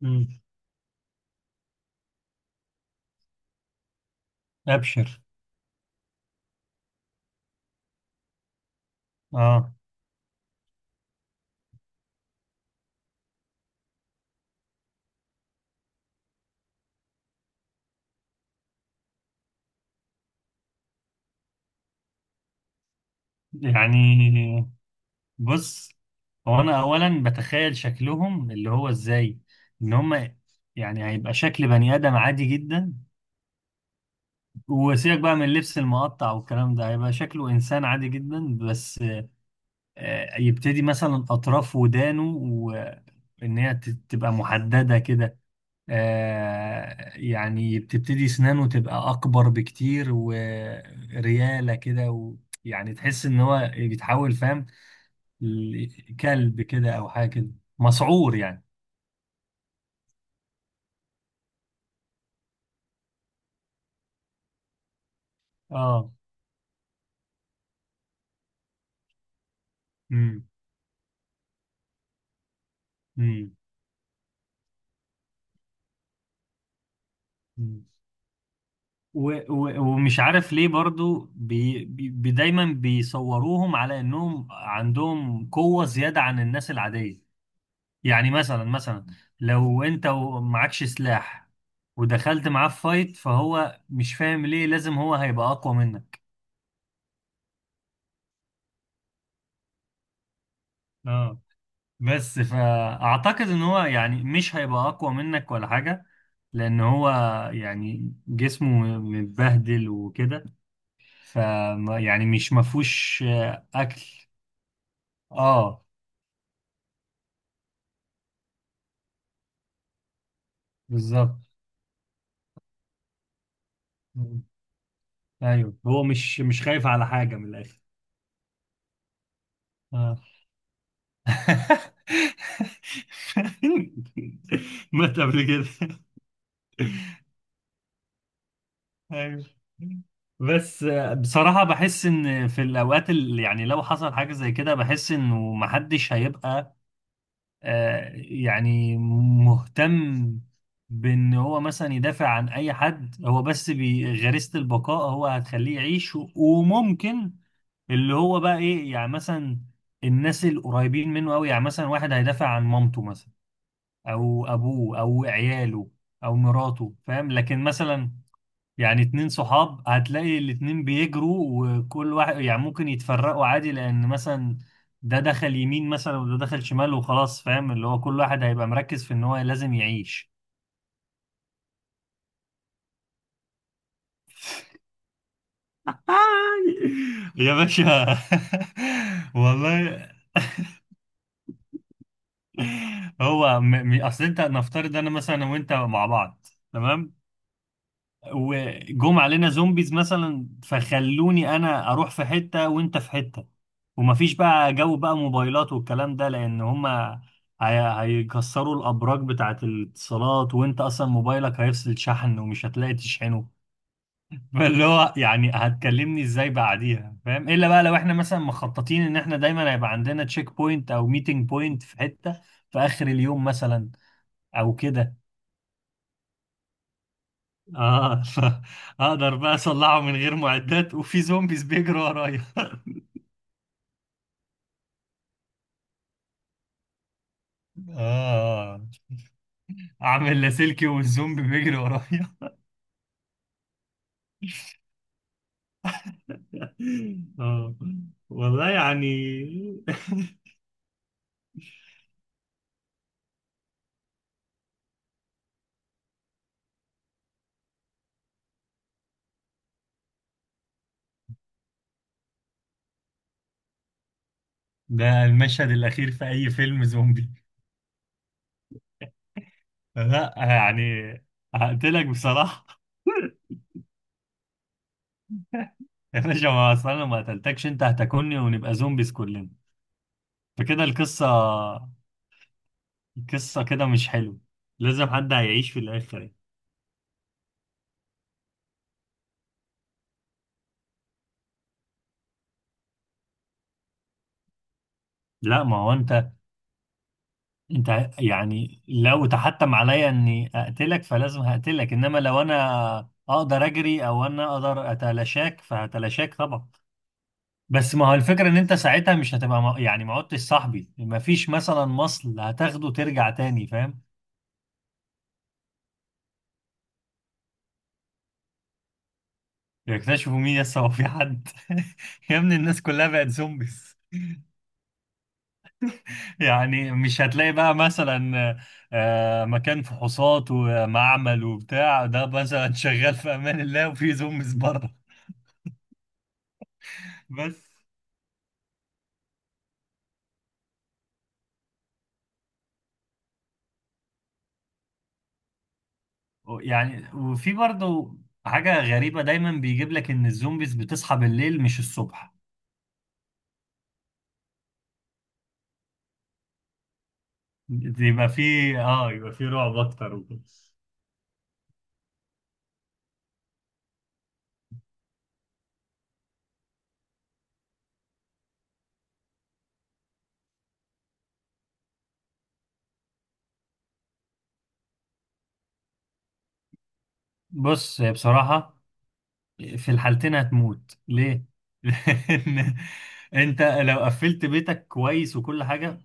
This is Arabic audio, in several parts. مم. ابشر. اه يعني بص، هو انا اولا بتخيل شكلهم اللي هو ازاي. ان هم يعني هيبقى شكل بني ادم عادي جدا، وسيبك بقى من اللبس المقطع والكلام ده، هيبقى شكله انسان عادي جدا. بس يبتدي مثلا اطراف ودانه تبقى محدده كده. يعني بتبتدي سنانه تبقى أكبر بكتير وريالة كده يعني تحس إن هو بيتحول، فاهم؟ كلب كده أو حاجة كده، مسعور يعني. اه. امم امم أمم. و- و- ومش عارف ليه برضو دايما بيصوروهم على إنهم عندهم قوة زيادة عن الناس العادية. يعني مثلا، مثلا لو انت معكش سلاح ودخلت معاه في فايت، فهو مش فاهم ليه لازم هو هيبقى اقوى منك. اه، بس فاعتقد ان هو يعني مش هيبقى اقوى منك ولا حاجة، لان هو يعني جسمه متبهدل وكده. ف يعني مش مفهوش اكل. اه، بالظبط. مم. ايوه، هو مش خايف على حاجة من الاخر. آه. مات قبل كده. ايوه، بس بصراحة بحس ان في الاوقات اللي يعني لو حصل حاجة زي كده، بحس انه محدش هيبقى يعني مهتم بان هو مثلا يدافع عن اي حد. هو بس غريزة البقاء هو هتخليه يعيش. وممكن اللي هو بقى ايه يعني، مثلا الناس القريبين منه قوي، يعني مثلا واحد هيدافع عن مامته مثلا، او ابوه، او عياله، او مراته، فاهم؟ لكن مثلا يعني اتنين صحاب، هتلاقي الاتنين بيجروا وكل واحد يعني ممكن يتفرقوا عادي، لان مثلا ده دخل يمين مثلا وده دخل شمال وخلاص، فاهم؟ اللي هو كل واحد هيبقى مركز في ان هو لازم يعيش. يا باشا. والله. هو اصل انت، نفترض انا مثلا وانت مع بعض، تمام؟ وجم علينا زومبيز مثلا، فخلوني انا اروح في حتة وانت في حتة، ومفيش بقى جو بقى موبايلات والكلام ده، لان هما هيكسروا الابراج بتاعت الاتصالات، وانت اصلا موبايلك هيفصل شحن ومش هتلاقي تشحنه. فاللي هو يعني هتكلمني ازاي بعديها، فاهم؟ الا بقى لو احنا مثلا مخططين ان احنا دايما هيبقى عندنا تشيك بوينت او ميتنج بوينت في حتة في اخر اليوم مثلا، او كده. اه. اقدر بقى اصلعه من غير معدات وفي زومبيز بيجروا ورايا؟ اه، اعمل لاسلكي والزومبي بيجري ورايا؟ اه والله يعني. ده المشهد الاخير في اي فيلم زومبي. لا يعني، هقتلك بصراحة. يا باشا، ما اصل انا ما قتلتكش، انت هتاكلني ونبقى زومبيز كلنا. فكده القصة، القصة كده مش حلو. لازم حد هيعيش في الاخر يعني. لا، ما هو انت، يعني لو تحتم عليا اني اقتلك فلازم هقتلك، انما لو انا اقدر اجري او انا اقدر اتلاشاك فهتلاشاك طبعا. بس ما هو الفكرة ان انت ساعتها مش هتبقى يعني ما عدتش صاحبي، ما فيش مثلا مصل هتاخده ترجع تاني، فاهم؟ يكتشفوا مين؟ لسه هو في حد؟ يا ابني الناس كلها بقت زومبيز. يعني مش هتلاقي بقى مثلا مكان فحوصات ومعمل وبتاع ده مثلا شغال في امان الله وفي زومبيز بره. بس يعني، وفي برضه حاجة غريبة، دايما بيجيب لك ان الزومبيز بتصحى بالليل مش الصبح. يبقى في، اه، يبقى في رعب اكتر وكده. بص، هي بصراحة في الحالتين هتموت ليه؟ لأن انت لو قفلت بيتك كويس وكل حاجة،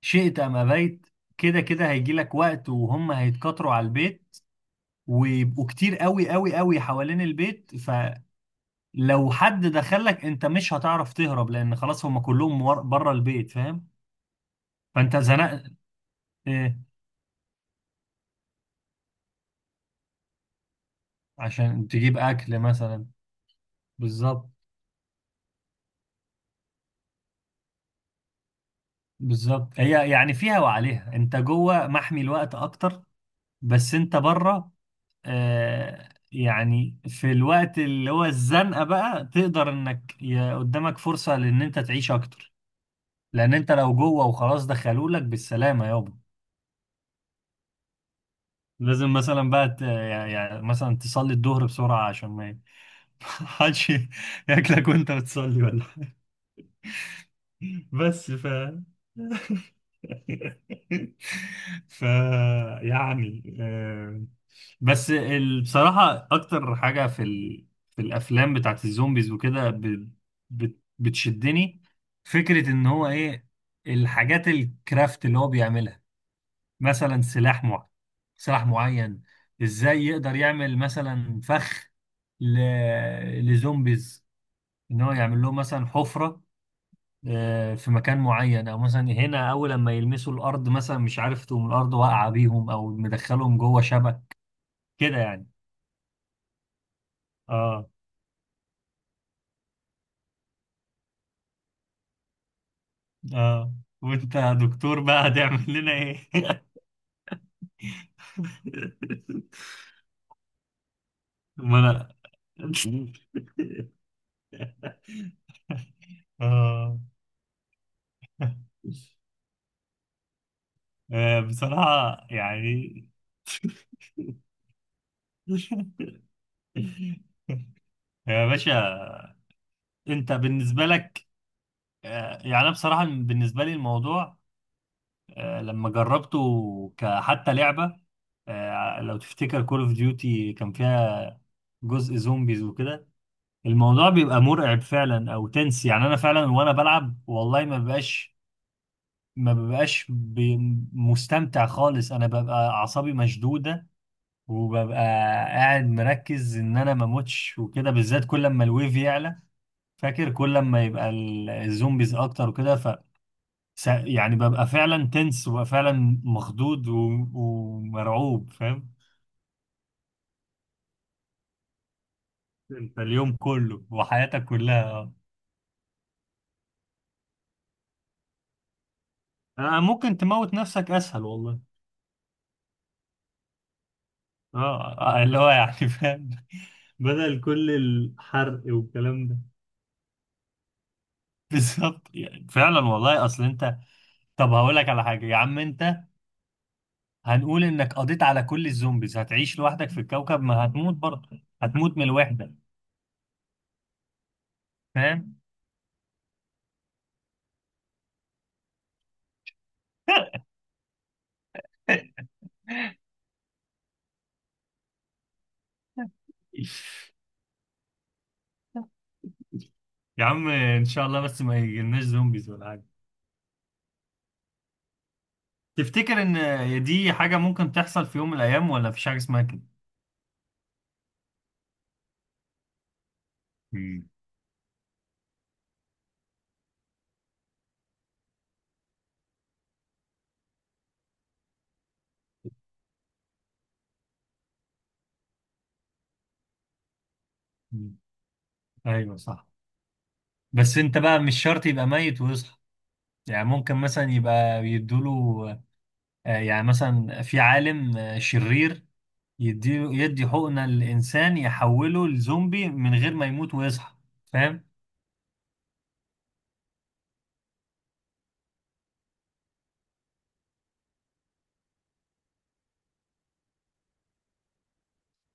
شئت ام ابيت، كده كده هيجي لك وقت وهم هيتكاثروا على البيت، ويبقوا كتير قوي قوي قوي حوالين البيت. لو حد دخلك، انت مش هتعرف تهرب، لان خلاص هم كلهم بره البيت، فاهم؟ فانت زنقت. ايه، عشان تجيب اكل مثلا؟ بالظبط. بالظبط، هي يعني فيها وعليها، انت جوه محمي الوقت اكتر، بس انت بره، آه، يعني في الوقت اللي هو الزنقه بقى تقدر انك قدامك فرصه لان انت تعيش اكتر. لان انت لو جوه وخلاص دخلولك بالسلامه يابا. لازم مثلا بقى يعني مثلا تصلي الظهر بسرعه عشان ما حدش ياكلك وانت بتصلي، ولا؟ بس ف، ف، يعني بس بصراحة أكتر حاجة في في الأفلام بتاعت الزومبيز وكده بتشدني فكرة إن هو إيه، الحاجات الكرافت اللي هو بيعملها، مثلا سلاح معين، إزاي يقدر يعمل مثلا فخ ل... لزومبيز، إن هو يعمل لهم مثلا حفرة في مكان معين، او مثلا هنا اول لما يلمسوا الارض مثلا، مش عارف، تقوم الارض واقعه بيهم، او مدخلهم جوه شبك كده يعني. اه. اه. وانت يا دكتور بقى هتعمل لنا ايه؟ ما انا، اه، بصراحة يعني. يا باشا، انت بالنسبة لك، يعني انا بصراحة بالنسبة لي الموضوع لما جربته كحتى لعبة، لو تفتكر كول اوف ديوتي كان فيها جزء زومبيز وكده، الموضوع بيبقى مرعب فعلا، او تنس يعني، انا فعلا وانا بلعب والله ما ببقاش، ما ببقاش بي- مستمتع خالص. انا ببقى اعصابي مشدودة، وببقى قاعد مركز ان انا ما اموتش وكده، بالذات كل لما الويف يعلى، فاكر كل لما يبقى الزومبيز اكتر وكده. يعني ببقى فعلا تنس، وببقى فعلا مخضوض ومرعوب، فاهم؟ انت اليوم كله وحياتك كلها، آه ممكن تموت نفسك اسهل والله. اه، اللي هو يعني، فاهم؟ بدل كل الحرق والكلام ده. بالظبط، يعني فعلا والله. اصل انت، طب هقول لك على حاجه يا عم انت، هنقول انك قضيت على كل الزومبيز، هتعيش لوحدك في الكوكب، ما هتموت برضه، هتموت من الوحده، فاهم؟ يا عم ان شاء الله بس ما يجيلناش زومبيز ولا حاجه. تفتكر ان دي حاجه ممكن تحصل في يوم من الايام، ولا مفيش حاجه اسمها كده؟ مم. مم. ايوه صح. بس انت بقى مش شرط يبقى ميت ويصحى، يعني ممكن مثلا يبقى بيدوله يعني مثلا في عالم شرير، يديله، يدي حقنة للإنسان، يحوله لزومبي من غير ما يموت ويصحى، فاهم؟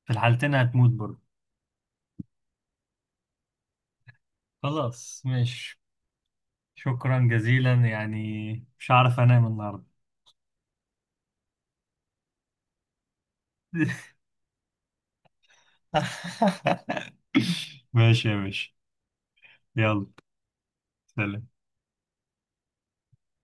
في الحالتين هتموت برضه. خلاص ماشي. شكرا جزيلا يعني، مش هعرف انام النهارده. ماشي يا باشا. يلا، سلام.